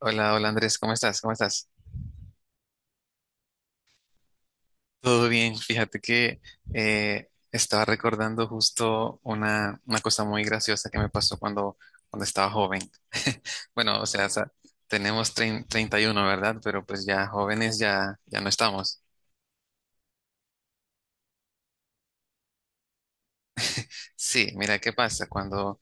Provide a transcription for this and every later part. Hola, hola Andrés, ¿cómo estás? ¿Cómo estás? Todo bien, fíjate que estaba recordando justo una cosa muy graciosa que me pasó cuando estaba joven. Bueno, o sea, tenemos 31, ¿verdad? Pero pues ya jóvenes ya no estamos. Sí, mira qué pasa. Cuando,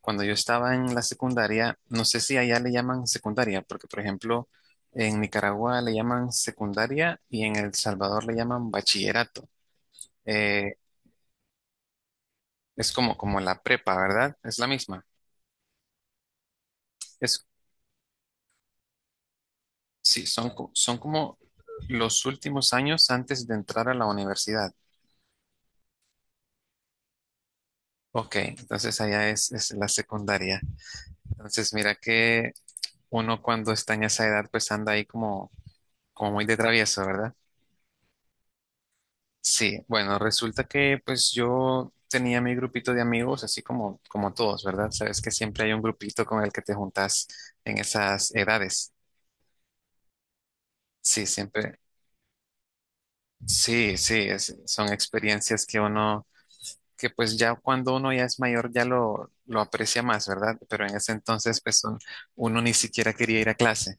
cuando yo estaba en la secundaria, no sé si allá le llaman secundaria, porque por ejemplo, en Nicaragua le llaman secundaria y en El Salvador le llaman bachillerato. Eh, Es como la prepa, ¿verdad? Es la misma. Es, sí, son, son como los últimos años antes de entrar a la universidad. Ok, entonces allá es la secundaria. Entonces mira que uno cuando está en esa edad pues anda ahí como muy de travieso, ¿verdad? Sí, bueno, resulta que pues yo tenía mi grupito de amigos, así como todos, ¿verdad? Sabes que siempre hay un grupito con el que te juntas en esas edades. Sí, siempre, sí, sí, son experiencias que uno, que pues ya cuando uno ya es mayor ya lo aprecia más, ¿verdad? Pero en ese entonces pues uno ni siquiera quería ir a clase,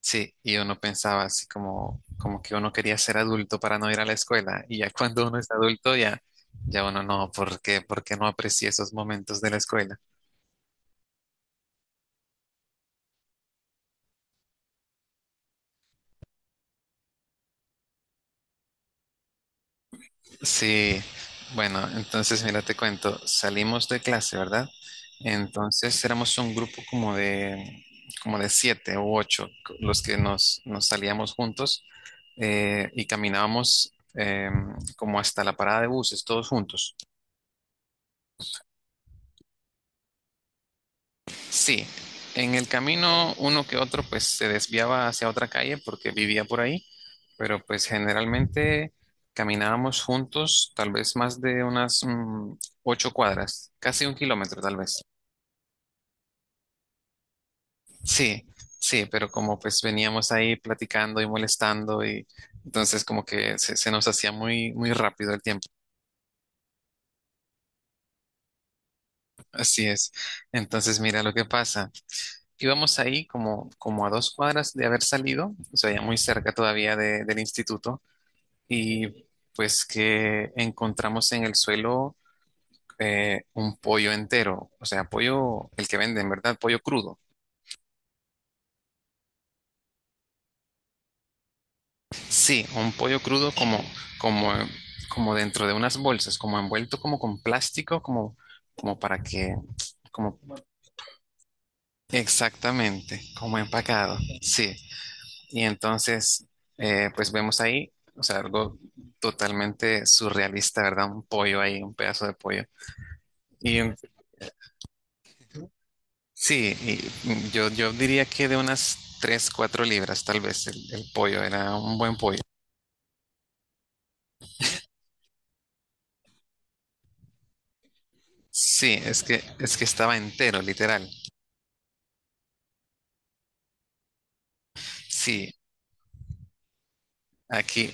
sí, y uno pensaba así como que uno quería ser adulto para no ir a la escuela, y ya cuando uno es adulto ya uno no, ¿por qué? ¿Por qué no aprecia esos momentos de la escuela? Sí, bueno, entonces mira, te cuento, salimos de clase, ¿verdad? Entonces éramos un grupo como de siete u ocho, los que nos salíamos juntos y caminábamos eh, como hasta la parada de buses, todos juntos. Sí, en el camino uno que otro pues se desviaba hacia otra calle porque vivía por ahí, pero pues generalmente caminábamos juntos, tal vez más de unas 8 cuadras, casi un kilómetro tal vez. Sí, sí, pero como pues veníamos ahí platicando y molestando, y entonces como que se nos hacía muy, muy rápido el tiempo. Así es. Entonces mira lo que pasa. Íbamos ahí como a 2 cuadras de haber salido, o sea, ya muy cerca todavía del instituto, y pues que encontramos en el suelo un pollo entero, o sea, pollo, el que venden, ¿verdad? Pollo crudo. Sí, un pollo crudo como, como dentro de unas bolsas, como envuelto como con plástico, como, como para que, como exactamente, como empacado, sí. Y entonces, pues vemos ahí, o sea, algo totalmente surrealista, ¿verdad? Un pollo ahí, un pedazo de pollo. Y un- sí, y yo diría que de unas 3 4 libras, tal vez, el pollo, era un buen pollo. Sí, es que estaba entero, literal. Sí, aquí,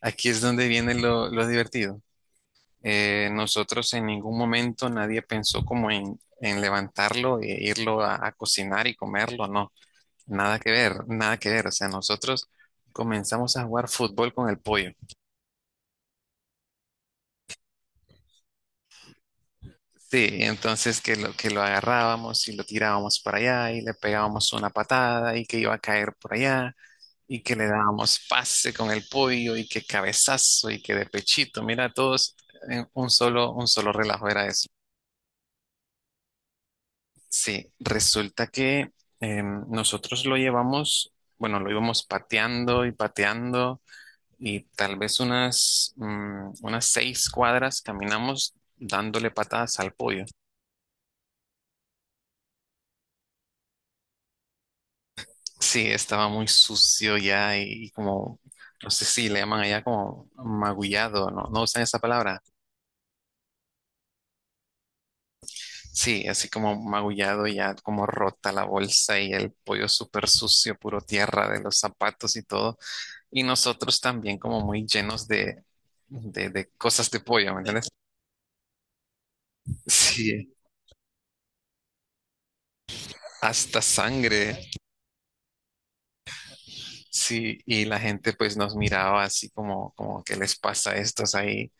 aquí es donde viene lo divertido. Nosotros en ningún momento nadie pensó como en, levantarlo e irlo a cocinar y comerlo, no. Nada que ver, nada que ver. O sea, nosotros comenzamos a jugar fútbol con el pollo. Sí, entonces que lo agarrábamos y lo tirábamos para allá y le pegábamos una patada y que iba a caer por allá, y que le dábamos pase con el pollo y que cabezazo y que de pechito. Mira, todos en un solo relajo era eso. Sí, resulta que nosotros lo llevamos, bueno, lo íbamos pateando y pateando, y tal vez unas 6 cuadras caminamos dándole patadas al pollo. Sí, estaba muy sucio ya y como, no sé si le llaman allá como magullado, ¿no? ¿No usan esa palabra? Sí, así como magullado ya, como rota la bolsa y el pollo súper sucio, puro tierra de los zapatos y todo. Y nosotros también como muy llenos de, cosas de pollo, ¿me entiendes? Sí, hasta sangre. Sí, y la gente pues nos miraba así ¿qué les pasa a estos ahí?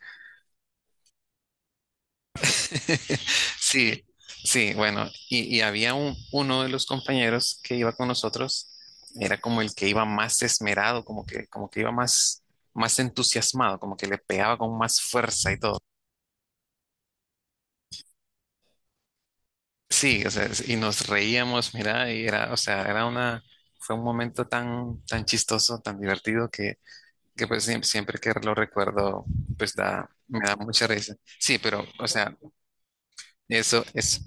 Sí, sí, bueno, y había uno de los compañeros que iba con nosotros, era como el que iba más esmerado, como que iba más entusiasmado, como que le pegaba con más fuerza y todo. Sí, o sea, y nos reíamos, mira, y era, o sea, era una, fue un momento tan, tan chistoso, tan divertido que pues siempre, siempre que lo recuerdo, me da mucha risa. Sí, pero, o sea, eso es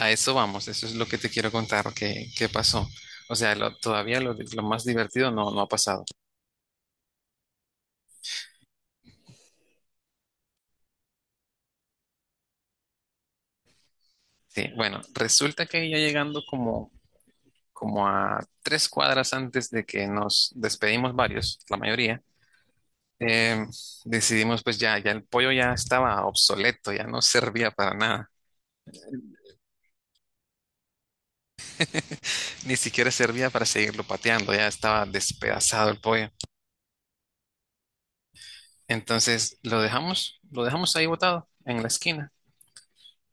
a eso vamos, eso es lo que te quiero contar que pasó. O sea, todavía lo más divertido no, no ha pasado. Sí, bueno, resulta que ya llegando como a 3 cuadras antes de que nos despedimos varios, la mayoría, eh, decidimos pues ya el pollo ya estaba obsoleto, ya no servía para nada, ni siquiera servía para seguirlo pateando, ya estaba despedazado el pollo. Entonces lo dejamos ahí botado en la esquina.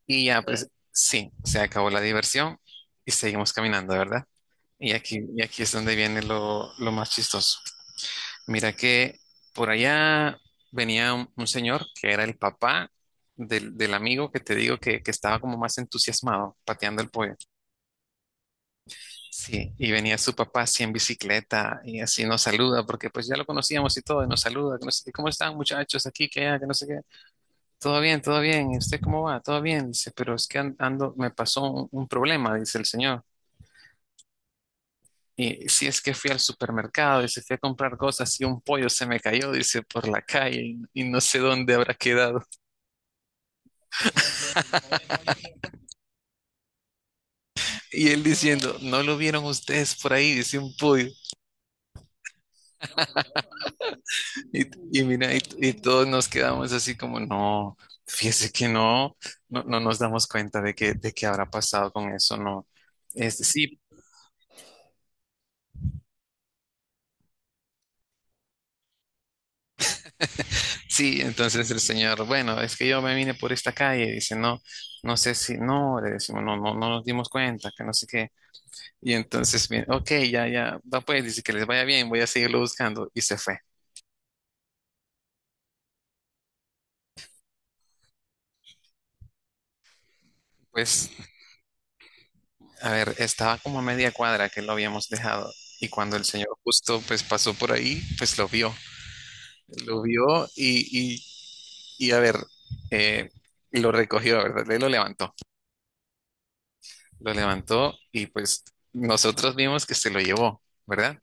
Y ya, pues sí, se acabó la diversión y seguimos caminando, ¿verdad? Y aquí es donde viene lo más chistoso. Mira que por allá venía un señor que era el papá del amigo que te digo que estaba como más entusiasmado pateando el pollo. Sí, y venía su papá así en bicicleta, y así nos saluda porque pues ya lo conocíamos y todo, y nos saluda, que no sé qué, ¿cómo están muchachos, aquí, que allá, que no sé qué? Todo bien, todo bien. ¿Y usted cómo va? Todo bien, dice, pero es que ando, me pasó un problema, dice el señor. Y si es que fui al supermercado, dice, fui a comprar cosas y un pollo se me cayó, dice, por la calle y no sé dónde habrá quedado. Y él diciendo, ¿no lo vieron ustedes por ahí? Dice un pollo. Y, y mira, y todos nos quedamos así como, no, fíjese que no, no nos damos cuenta de que habrá pasado con eso, no. Este, sí, sí, entonces el señor, bueno, es que yo me vine por esta calle, dice, no, no sé si, no, le decimos, no, no nos dimos cuenta, que no sé qué. Y entonces, bien, ok, ya, ya, va pues, dice que les vaya bien, voy a seguirlo buscando. Y se fue. Pues, a ver, estaba como a media cuadra que lo habíamos dejado. Y cuando el señor justo, pues, pasó por ahí, pues lo vio. Lo vio y a ver, eh, lo recogió, ¿verdad? Él lo levantó. Lo levantó, y pues nosotros vimos que se lo llevó, ¿verdad?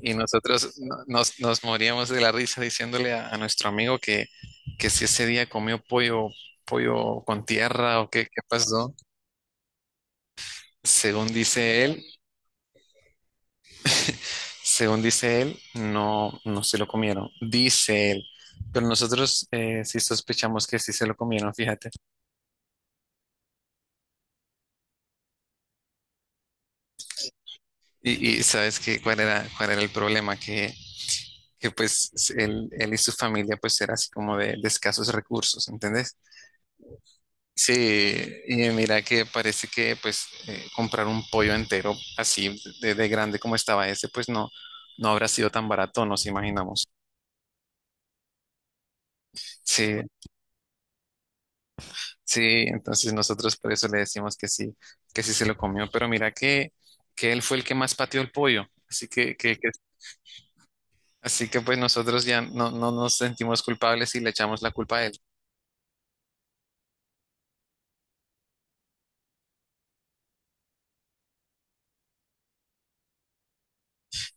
Y nosotros nos moríamos de la risa diciéndole a nuestro amigo que si ese día comió pollo, pollo con tierra o qué, qué pasó. Según dice él, según dice él, no, no se lo comieron, dice él. Pero nosotros sí sospechamos que sí se lo comieron, fíjate. Y sabes que cuál era el problema, que pues él y su familia pues era así como de, escasos recursos, ¿entendés? Sí, y mira que parece que pues comprar un pollo entero así de grande como estaba ese, pues no, no habrá sido tan barato, nos imaginamos. Sí, sí, entonces nosotros por eso le decimos que sí se lo comió, pero mira que él fue el que más pateó el pollo, así que, que, que- así que pues nosotros ya no, no nos sentimos culpables y le echamos la culpa a él.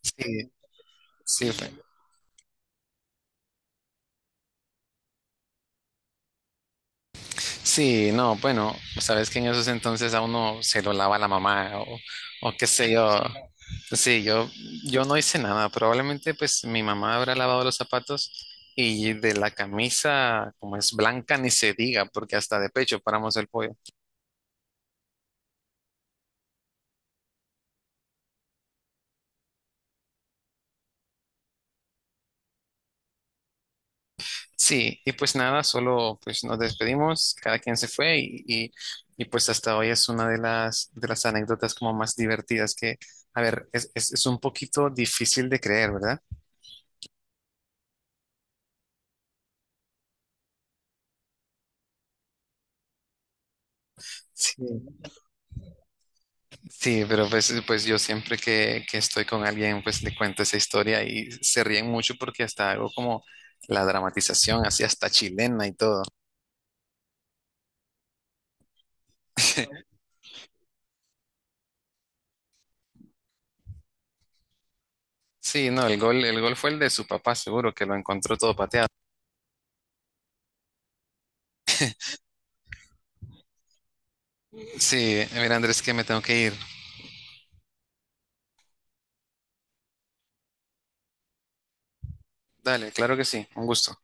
Sí, sí, sí, no, bueno, sabes que en esos entonces a uno se lo lava la mamá, o qué sé yo. Sí, yo no hice nada. Probablemente pues mi mamá habrá lavado los zapatos, y de la camisa, como es blanca, ni se diga, porque hasta de pecho paramos el pollo. Sí, y pues nada, solo pues nos despedimos, cada quien se fue pues hasta hoy es una de las anécdotas como más divertidas a ver, es un poquito difícil de creer, ¿verdad? Sí. Sí, pero pues yo siempre que estoy con alguien, pues le cuento esa historia y se ríen mucho porque hasta algo como la dramatización, así hasta chilena y todo. Sí, no, el gol fue el de su papá, seguro que lo encontró todo pateado. Sí, mira Andrés, que me tengo que ir. Dale, claro que sí, un gusto.